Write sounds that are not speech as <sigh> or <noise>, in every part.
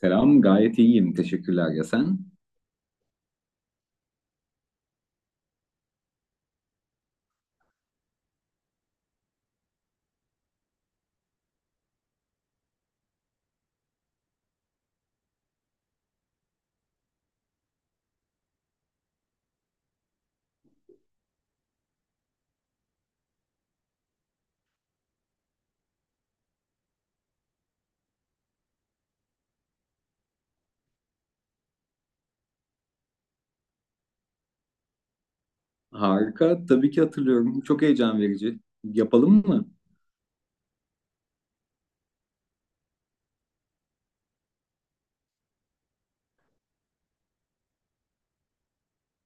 Selam, gayet iyiyim. Teşekkürler ya sen? Harika, tabii ki hatırlıyorum. Çok heyecan verici. Yapalım mı?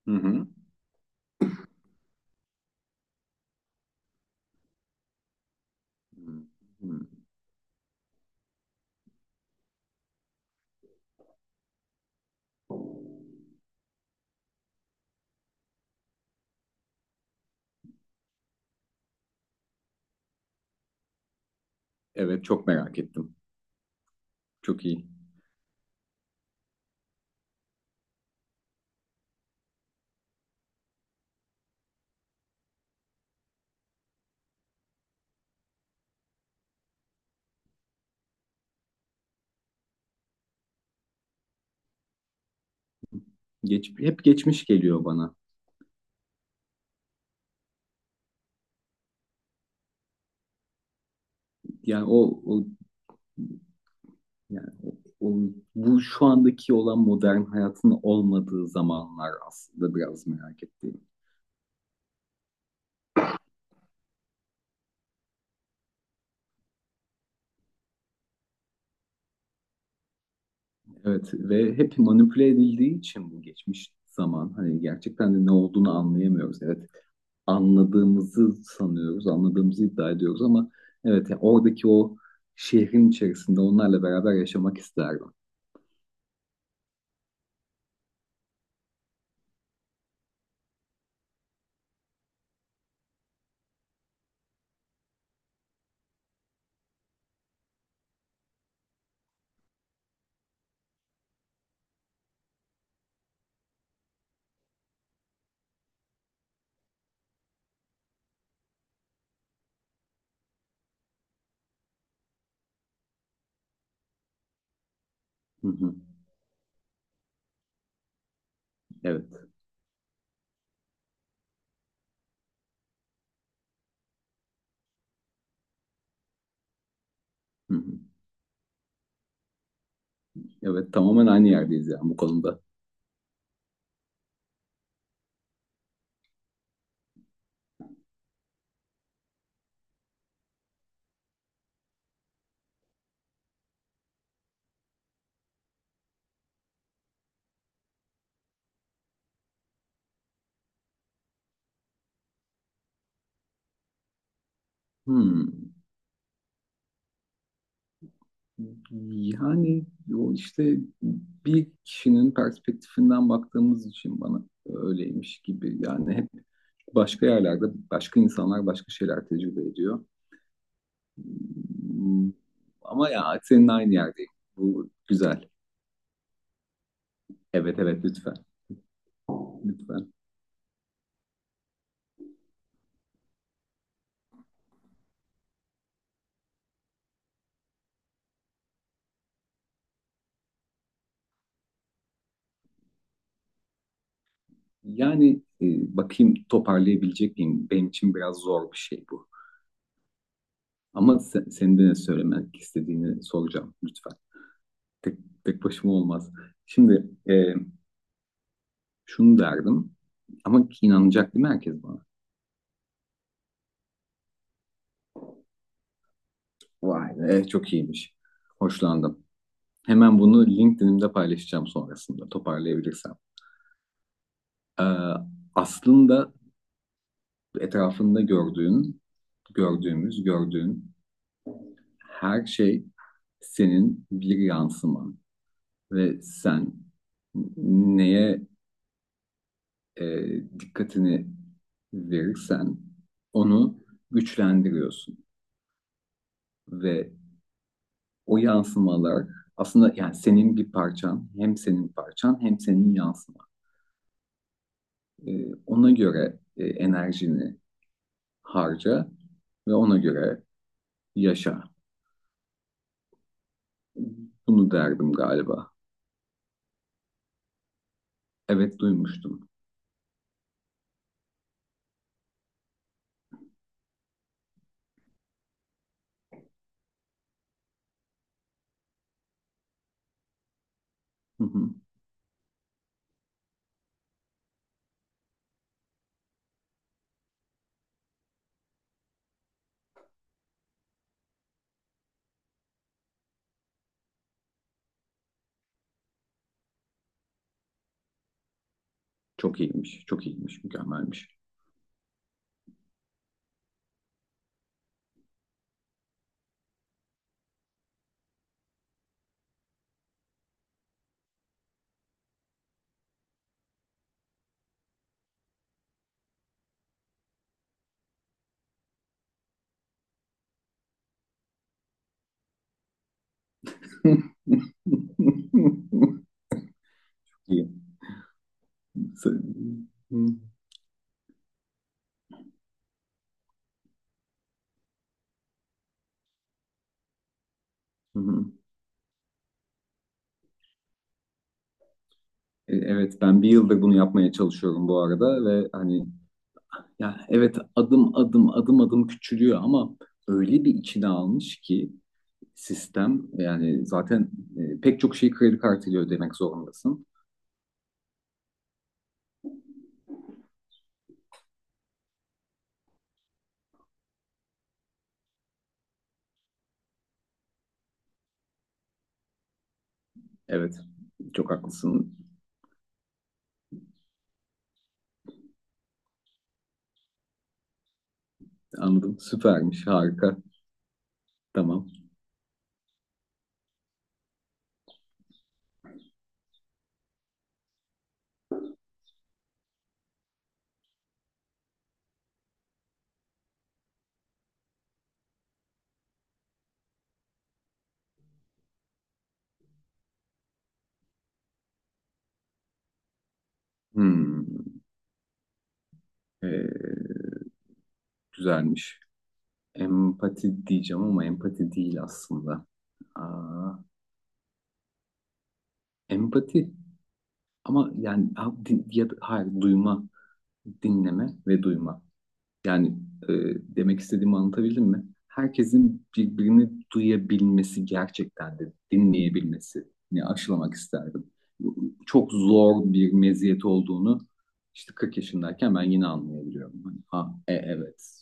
Hı hı. Hı. Evet, çok merak ettim. Çok iyi. Hep geçmiş geliyor bana. Yani o, o, yani o bu şu andaki olan modern hayatın olmadığı zamanlar aslında biraz merak ettiğim. Evet ve hep manipüle edildiği için bu geçmiş zaman hani gerçekten de ne olduğunu anlayamıyoruz. Evet, anladığımızı sanıyoruz, anladığımızı iddia ediyoruz ama evet, ya oradaki o şehrin içerisinde onlarla beraber yaşamak isterdim. Hı hı. Evet. Hı hı. Evet, tamamen aynı yerdeyiz yani bu konuda. Hmm. Yani o işte bir kişinin perspektifinden baktığımız için bana öyleymiş gibi, yani hep başka yerlerde başka insanlar başka şeyler tecrübe ediyor. Hmm, ama ya senin aynı yerdeyim. Bu güzel. Evet, evet, lütfen. Lütfen. Yani bakayım toparlayabilecek miyim? Benim için biraz zor bir şey bu. Ama sen, senin de ne söylemek istediğini soracağım lütfen. Tek, Tek başıma olmaz. Şimdi şunu derdim ama inanacak değil mi herkes bana? Vay be, çok iyiymiş. Hoşlandım. Hemen bunu LinkedIn'imde paylaşacağım sonrasında toparlayabilirsem. E, Aslında etrafında gördüğümüz her şey senin bir yansıman ve sen neye e, dikkatini verirsen onu güçlendiriyorsun ve o yansımalar aslında, yani senin bir parçan, hem senin parçan hem senin yansıman. Ona göre enerjini harca ve ona göre yaşa. Bunu derdim galiba. Evet, duymuştum. Hı hı. Çok iyiymiş, çok iyiymiş, mükemmelmiş. <laughs> İyi. Evet, ben bir yıldır bunu yapmaya çalışıyorum bu arada ve hani ya evet, adım adım küçülüyor ama öyle bir içine almış ki sistem, yani zaten pek çok şeyi kredi kartıyla ödemek zorundasın. Evet, çok haklısın. Anladım. Süpermiş. Harika. Tamam. Hmm, ee, güzelmiş. Empati diyeceğim ama empati değil aslında. Aa, empati ama yani ha, din- ya da- hayır, duyma, dinleme ve duyma. Yani e, demek istediğimi anlatabildim mi? Herkesin birbirini duyabilmesi, gerçekten de dinleyebilmesini aşılamak isterdim. Çok zor bir meziyet olduğunu işte 40 yaşındayken ben yine anlayabiliyorum. Hani, ha, e, evet,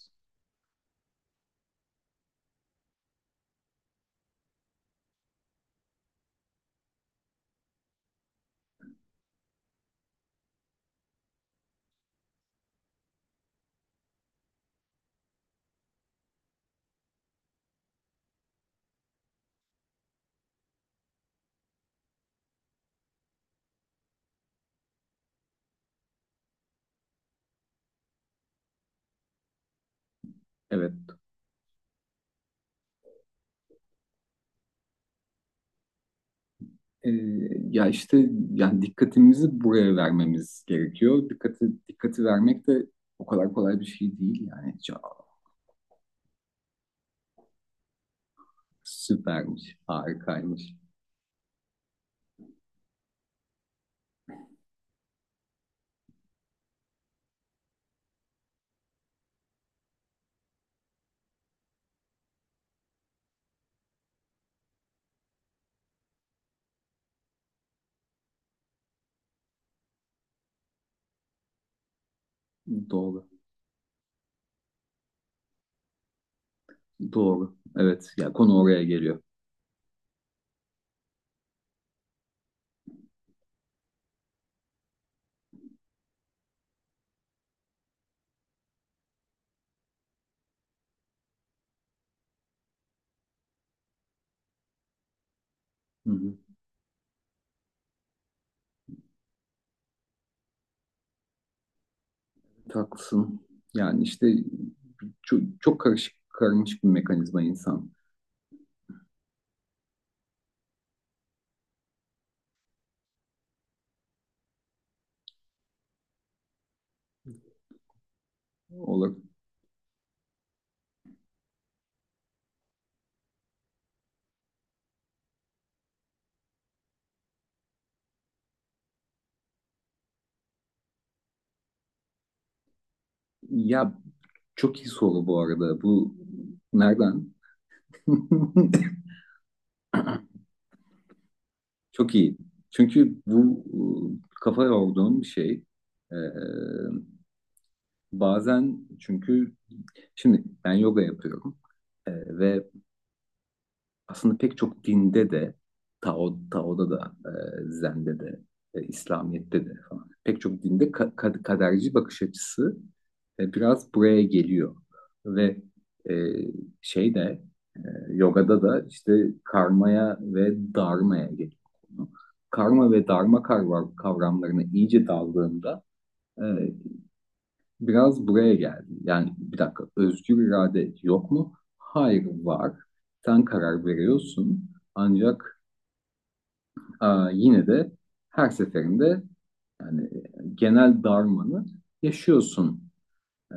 evet. E, Ya işte yani dikkatimizi buraya vermemiz gerekiyor. Dikkati vermek de o kadar kolay bir şey değil yani. Çok süpermiş, harikaymış. Doğru. Doğru. Evet. Ya konu oraya geliyor. Hı hı. Haklısın. Yani işte çok karışık, karmaşık bir mekanizma insan olarak. Ya çok iyi soru bu arada. Bu nereden? <laughs> Çok iyi. Çünkü bu kafa yorduğum bir şey. Ee, Bazen çünkü şimdi ben yoga yapıyorum Ee, ve aslında pek çok dinde de Tao, Tao'da da Zen'de de İslamiyet'te de falan pek çok dinde kaderci bakış açısı biraz buraya geliyor ve e, şey de e, yogada da işte karmaya ve dharmaya geliyor. Karma ve dharma kavram- kavramlarına iyice daldığında e, biraz buraya geldi. Yani bir dakika, özgür irade yok mu? Hayır, var. Sen karar veriyorsun. Ancak aa, yine de her seferinde yani genel darmanı yaşıyorsun. Ee,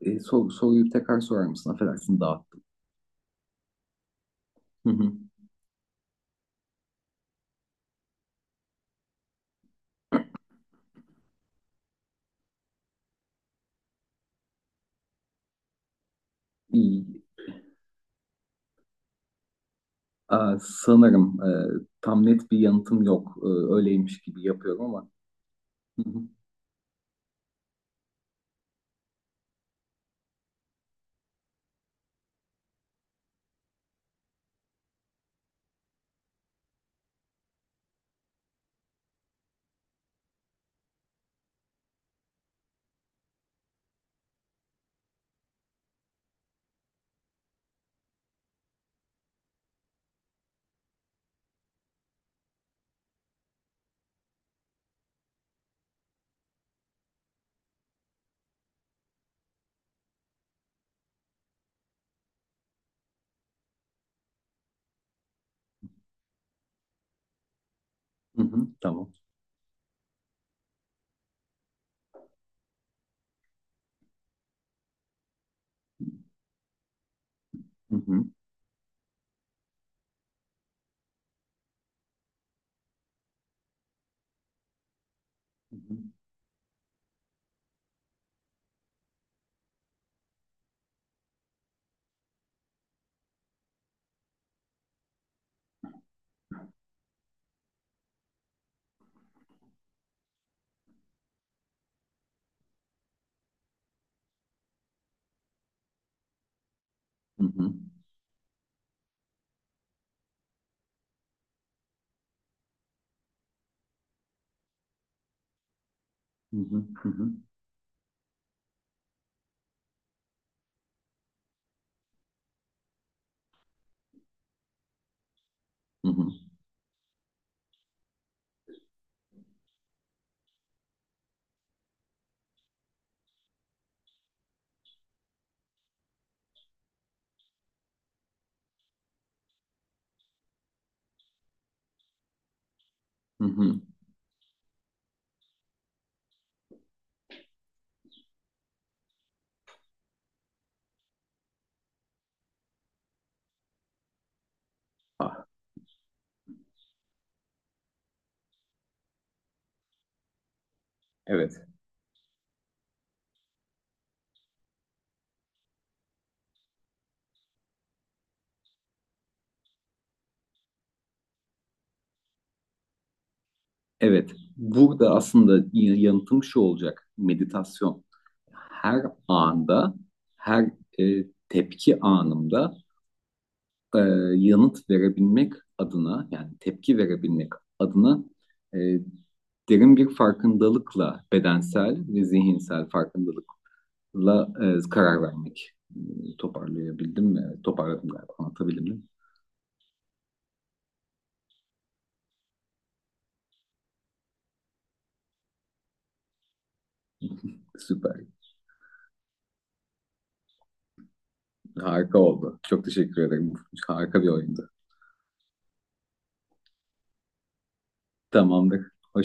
Soruyu tekrar sorar mısın? Affedersin, dağıttım. Hı hı. İyi. Aa, sanırım tam net bir yanıtım yok. Öyleymiş gibi yapıyorum ama. Hı hı. Hı hı. Tamam. Hı hı. Hı hı. Hı hı. Hı hı. Hı hı. Hı hı. Hı hı. Ah. Evet, evet. Burada aslında yanıtım şu olacak. Meditasyon. Her anda, Her tepki anımda e, yanıt verebilmek adına, yani tepki verebilmek adına e, derin bir farkındalıkla, bedensel ve zihinsel farkındalıkla karar vermek. Toparlayabildim mi? Toparladım galiba. Anlatabildim mi? Süper. Harika oldu. Çok teşekkür ederim. Harika bir oyundu. Tamamdır. Hoşça